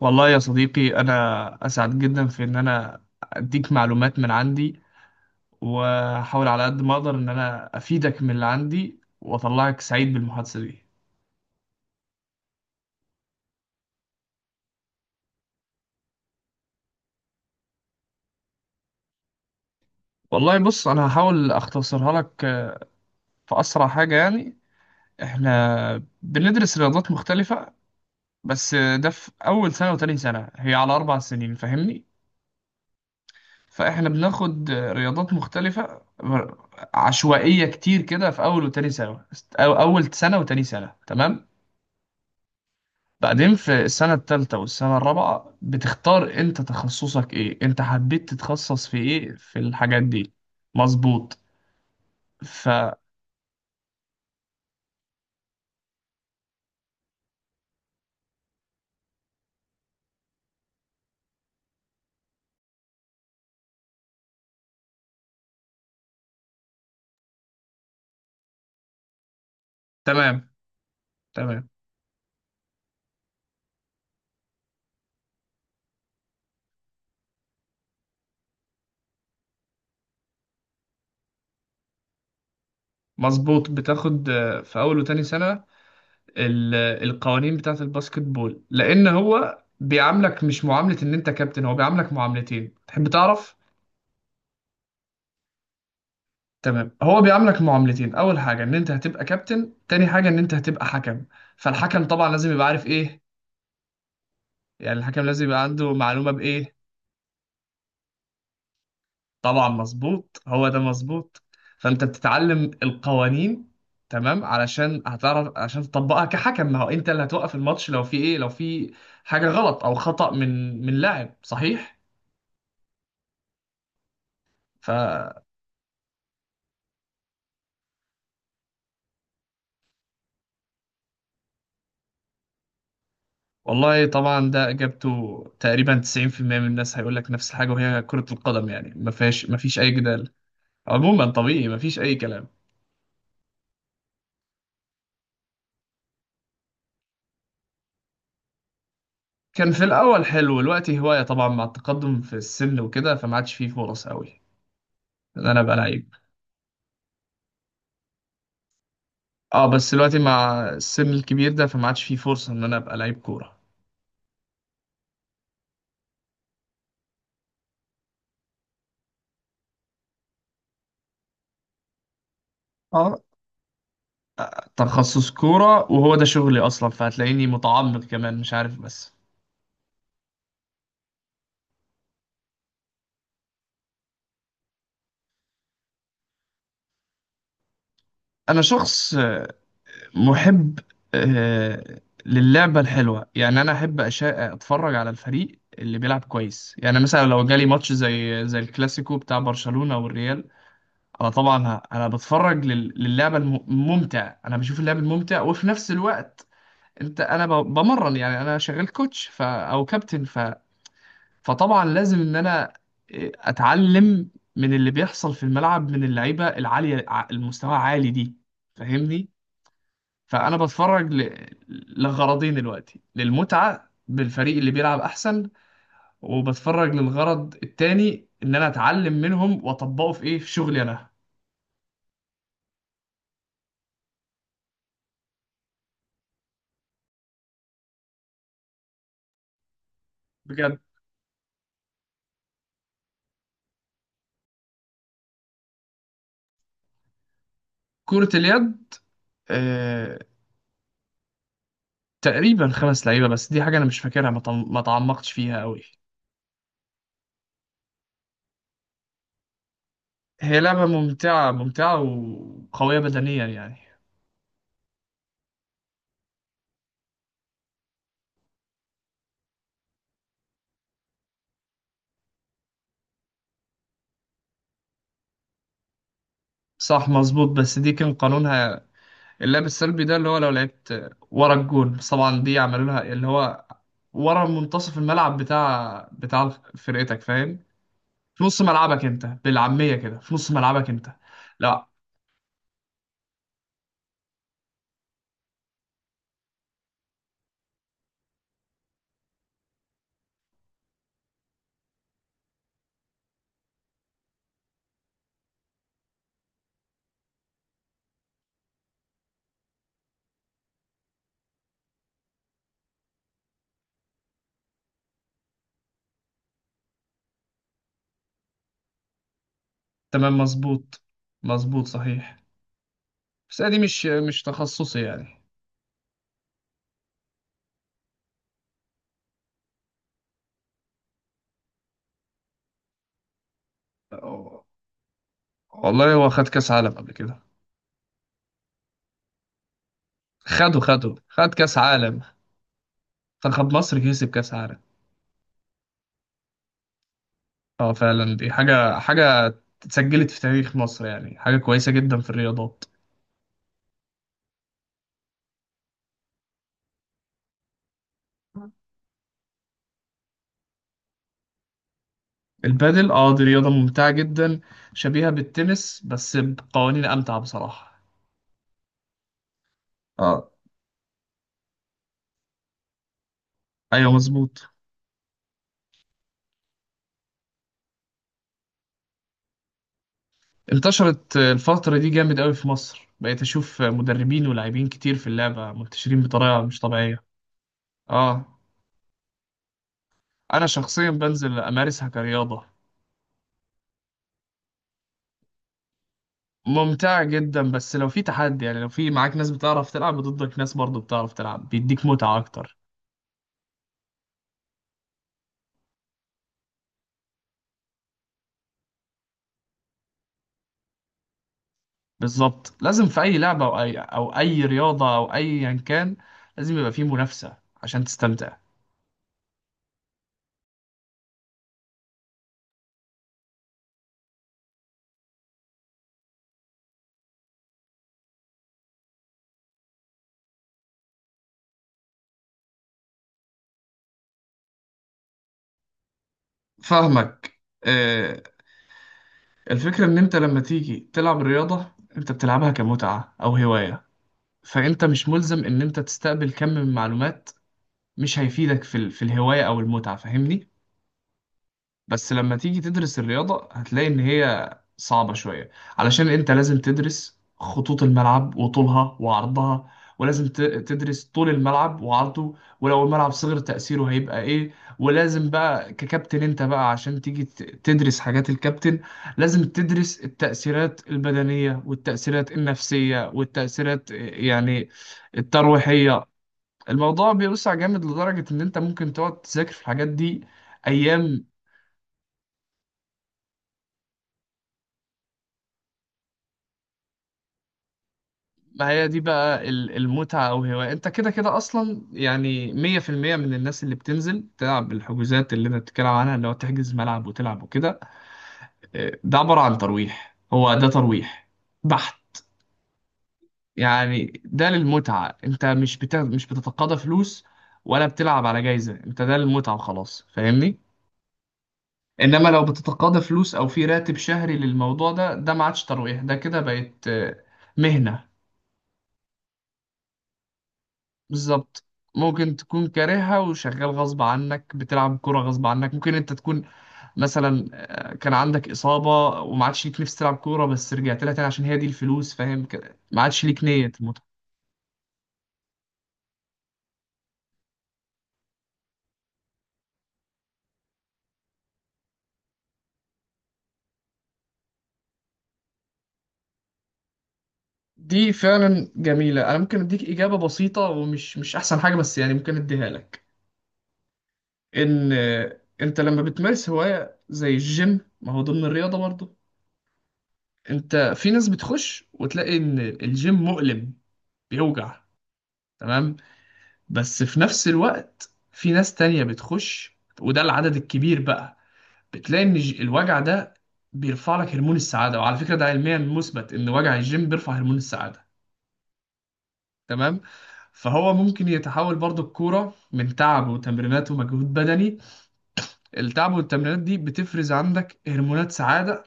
والله يا صديقي، أنا أسعد جدا في إن أنا أديك معلومات من عندي، وأحاول على قد ما أقدر إن أنا أفيدك من اللي عندي وأطلعك سعيد بالمحادثة دي. والله بص، أنا هحاول أختصرها لك في أسرع حاجة. يعني إحنا بندرس رياضات مختلفة، بس ده في أول سنة وتاني سنة. هي على أربع سنين، فاهمني؟ فإحنا بناخد رياضات مختلفة عشوائية كتير كده في أول وتاني سنة، أو أول سنة وتاني سنة، تمام. بعدين في السنة التالتة والسنة الرابعة بتختار انت تخصصك ايه، انت حبيت تتخصص في ايه في الحاجات دي. مظبوط. ف تمام، تمام. مظبوط، بتاخد في اول وتاني سنة القوانين بتاعة الباسكت بول، لان هو بيعاملك مش معاملة ان انت كابتن، هو بيعاملك معاملتين، تحب تعرف؟ تمام، هو بيعاملك معاملتين: اول حاجة ان انت هتبقى كابتن، تاني حاجة ان انت هتبقى حكم. فالحكم طبعا لازم يبقى عارف ايه، يعني الحكم لازم يبقى عنده معلومة بإيه. طبعا مظبوط، هو ده مظبوط. فانت بتتعلم القوانين، تمام، علشان هتعرف عشان تطبقها كحكم. ما هو انت اللي هتوقف الماتش لو في ايه، لو في حاجة غلط او خطأ من لاعب، صحيح؟ ف والله طبعا ده اجابته تقريبا 90% من الناس هيقول لك نفس الحاجة، وهي كرة القدم. يعني ما فيهاش، ما فيش اي جدال. عموما طبيعي، ما فيش اي كلام. كان في الاول حلو، دلوقتي هواية طبعا، مع التقدم في السن وكده فما عادش فيه فرص قوي ان انا ابقى لعيب. اه بس دلوقتي مع السن الكبير ده فما عادش فيه فرصة ان انا ابقى لعيب كورة. اه، تخصص كورة، وهو ده شغلي اصلا، فهتلاقيني متعمق كمان مش عارف بس. انا شخص محب للعبة الحلوة. يعني انا احب اتفرج على الفريق اللي بيلعب كويس. يعني مثلا لو جالي ماتش زي الكلاسيكو بتاع برشلونة والريال، انا طبعا انا بتفرج للعبة الممتع، انا بشوف اللعب الممتع. وفي نفس الوقت انا بمرن، يعني انا شغال كوتش او كابتن فطبعا لازم ان انا اتعلم من اللي بيحصل في الملعب، من اللعيبه العاليه المستوى عالي دي، فاهمني؟ فانا بتفرج ل... لغرضين دلوقتي: للمتعه بالفريق اللي بيلعب احسن، وبتفرج للغرض التاني ان انا اتعلم منهم واطبقه في ايه، في شغلي انا. بجد. كرة اليد آه... تقريبا خمس لعيبه، بس دي حاجه انا مش فاكرها، ما تعمقتش فيها قوي. هي لعبة ممتعة، ممتعة وقوية بدنيا يعني. صح، مظبوط، بس دي كان قانونها. اللعب السلبي ده اللي هو لو لعبت ورا الجول، بس طبعا دي عملوا لها اللي هو ورا منتصف الملعب بتاع فرقتك، فاهم؟ في نص ملعبك انت، بالعامية كده، في نص ملعبك انت. لا، تمام مظبوط، مظبوط صحيح، بس دي مش تخصصي يعني. والله هو خد كأس عالم قبل كده. خده خد كأس عالم. منتخب مصر كسب كأس عالم. اه فعلا، دي حاجة، اتسجلت في تاريخ مصر، يعني حاجة كويسة جدا في الرياضات. البادل، اه دي رياضة ممتعة جدا، شبيهة بالتنس بس بقوانين أمتع بصراحة. اه، أيوة مظبوط. انتشرت الفترة دي جامد قوي في مصر، بقيت أشوف مدربين ولاعبين كتير في اللعبة منتشرين بطريقة مش طبيعية. اه. أنا شخصيا بنزل أمارسها كرياضة. ممتعة جدا، بس لو في تحدي، يعني لو في معاك ناس بتعرف تلعب ضدك، ناس برضو بتعرف تلعب بيديك، متعة أكتر. بالظبط، لازم في اي لعبه او اي او اي رياضه او ايا كان لازم يبقى فيه منافسه عشان تستمتع. فاهمك. آه، الفكره ان انت لما تيجي تلعب الرياضه، انت بتلعبها كمتعه او هوايه، فانت مش ملزم ان انت تستقبل كم من معلومات مش هيفيدك في في الهوايه او المتعه، فاهمني؟ بس لما تيجي تدرس الرياضة هتلاقي إن هي صعبة شوية، علشان أنت لازم تدرس خطوط الملعب وطولها وعرضها، ولازم تدرس طول الملعب وعرضه، ولو الملعب صغر تأثيره هيبقى إيه. ولازم بقى ككابتن أنت بقى عشان تيجي تدرس حاجات الكابتن، لازم تدرس التأثيرات البدنية والتأثيرات النفسية والتأثيرات يعني الترويحية. الموضوع بيوسع جامد، لدرجة إن أنت ممكن تقعد تذاكر في الحاجات دي أيام. ما هي دي بقى المتعة أو هواية، أنت كده كده أصلا يعني مية في المية من الناس اللي بتنزل تلعب الحجوزات اللي أنت بتتكلم عنها، اللي هو تحجز ملعب وتلعب وكده. ده عبارة عن ترويح، هو ده ترويح بحت. يعني ده للمتعة، أنت مش بت... مش بتتقاضى فلوس ولا بتلعب على جايزة، أنت ده للمتعة وخلاص، فاهمني؟ إنما لو بتتقاضى فلوس أو في راتب شهري للموضوع ده، ده ما عادش ترويح، ده كده بقت مهنة. بالظبط، ممكن تكون كارهها وشغال غصب عنك، بتلعب كورة غصب عنك. ممكن انت تكون مثلا كان عندك إصابة وما عادش ليك نفس تلعب كورة، بس رجعت لها تاني عشان هي دي الفلوس، فاهم كده؟ ما عادش ليك نية المتعة. دي فعلا جميلة، انا ممكن اديك إجابة بسيطة ومش مش احسن حاجة بس، يعني ممكن اديها لك. ان انت لما بتمارس هواية زي الجيم، ما هو ضمن الرياضة برضه، انت في ناس بتخش وتلاقي ان الجيم مؤلم، بيوجع، تمام، بس في نفس الوقت في ناس تانية بتخش، وده العدد الكبير بقى، بتلاقي ان الوجع ده بيرفع لك هرمون السعادة. وعلى فكرة ده علميا مثبت ان وجع الجيم بيرفع هرمون السعادة، تمام. فهو ممكن يتحول برضو الكورة من تعب وتمرينات ومجهود بدني، التعب والتمرينات دي بتفرز عندك هرمونات سعادة،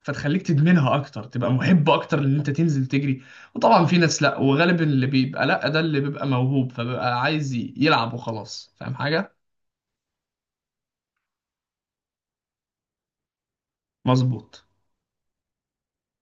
فتخليك تدمنها اكتر، تبقى محب اكتر ان انت تنزل تجري. وطبعا في ناس لا، وغالبا اللي بيبقى لا ده اللي بيبقى موهوب، فبيبقى عايز يلعب وخلاص، فاهم حاجة؟ مظبوط.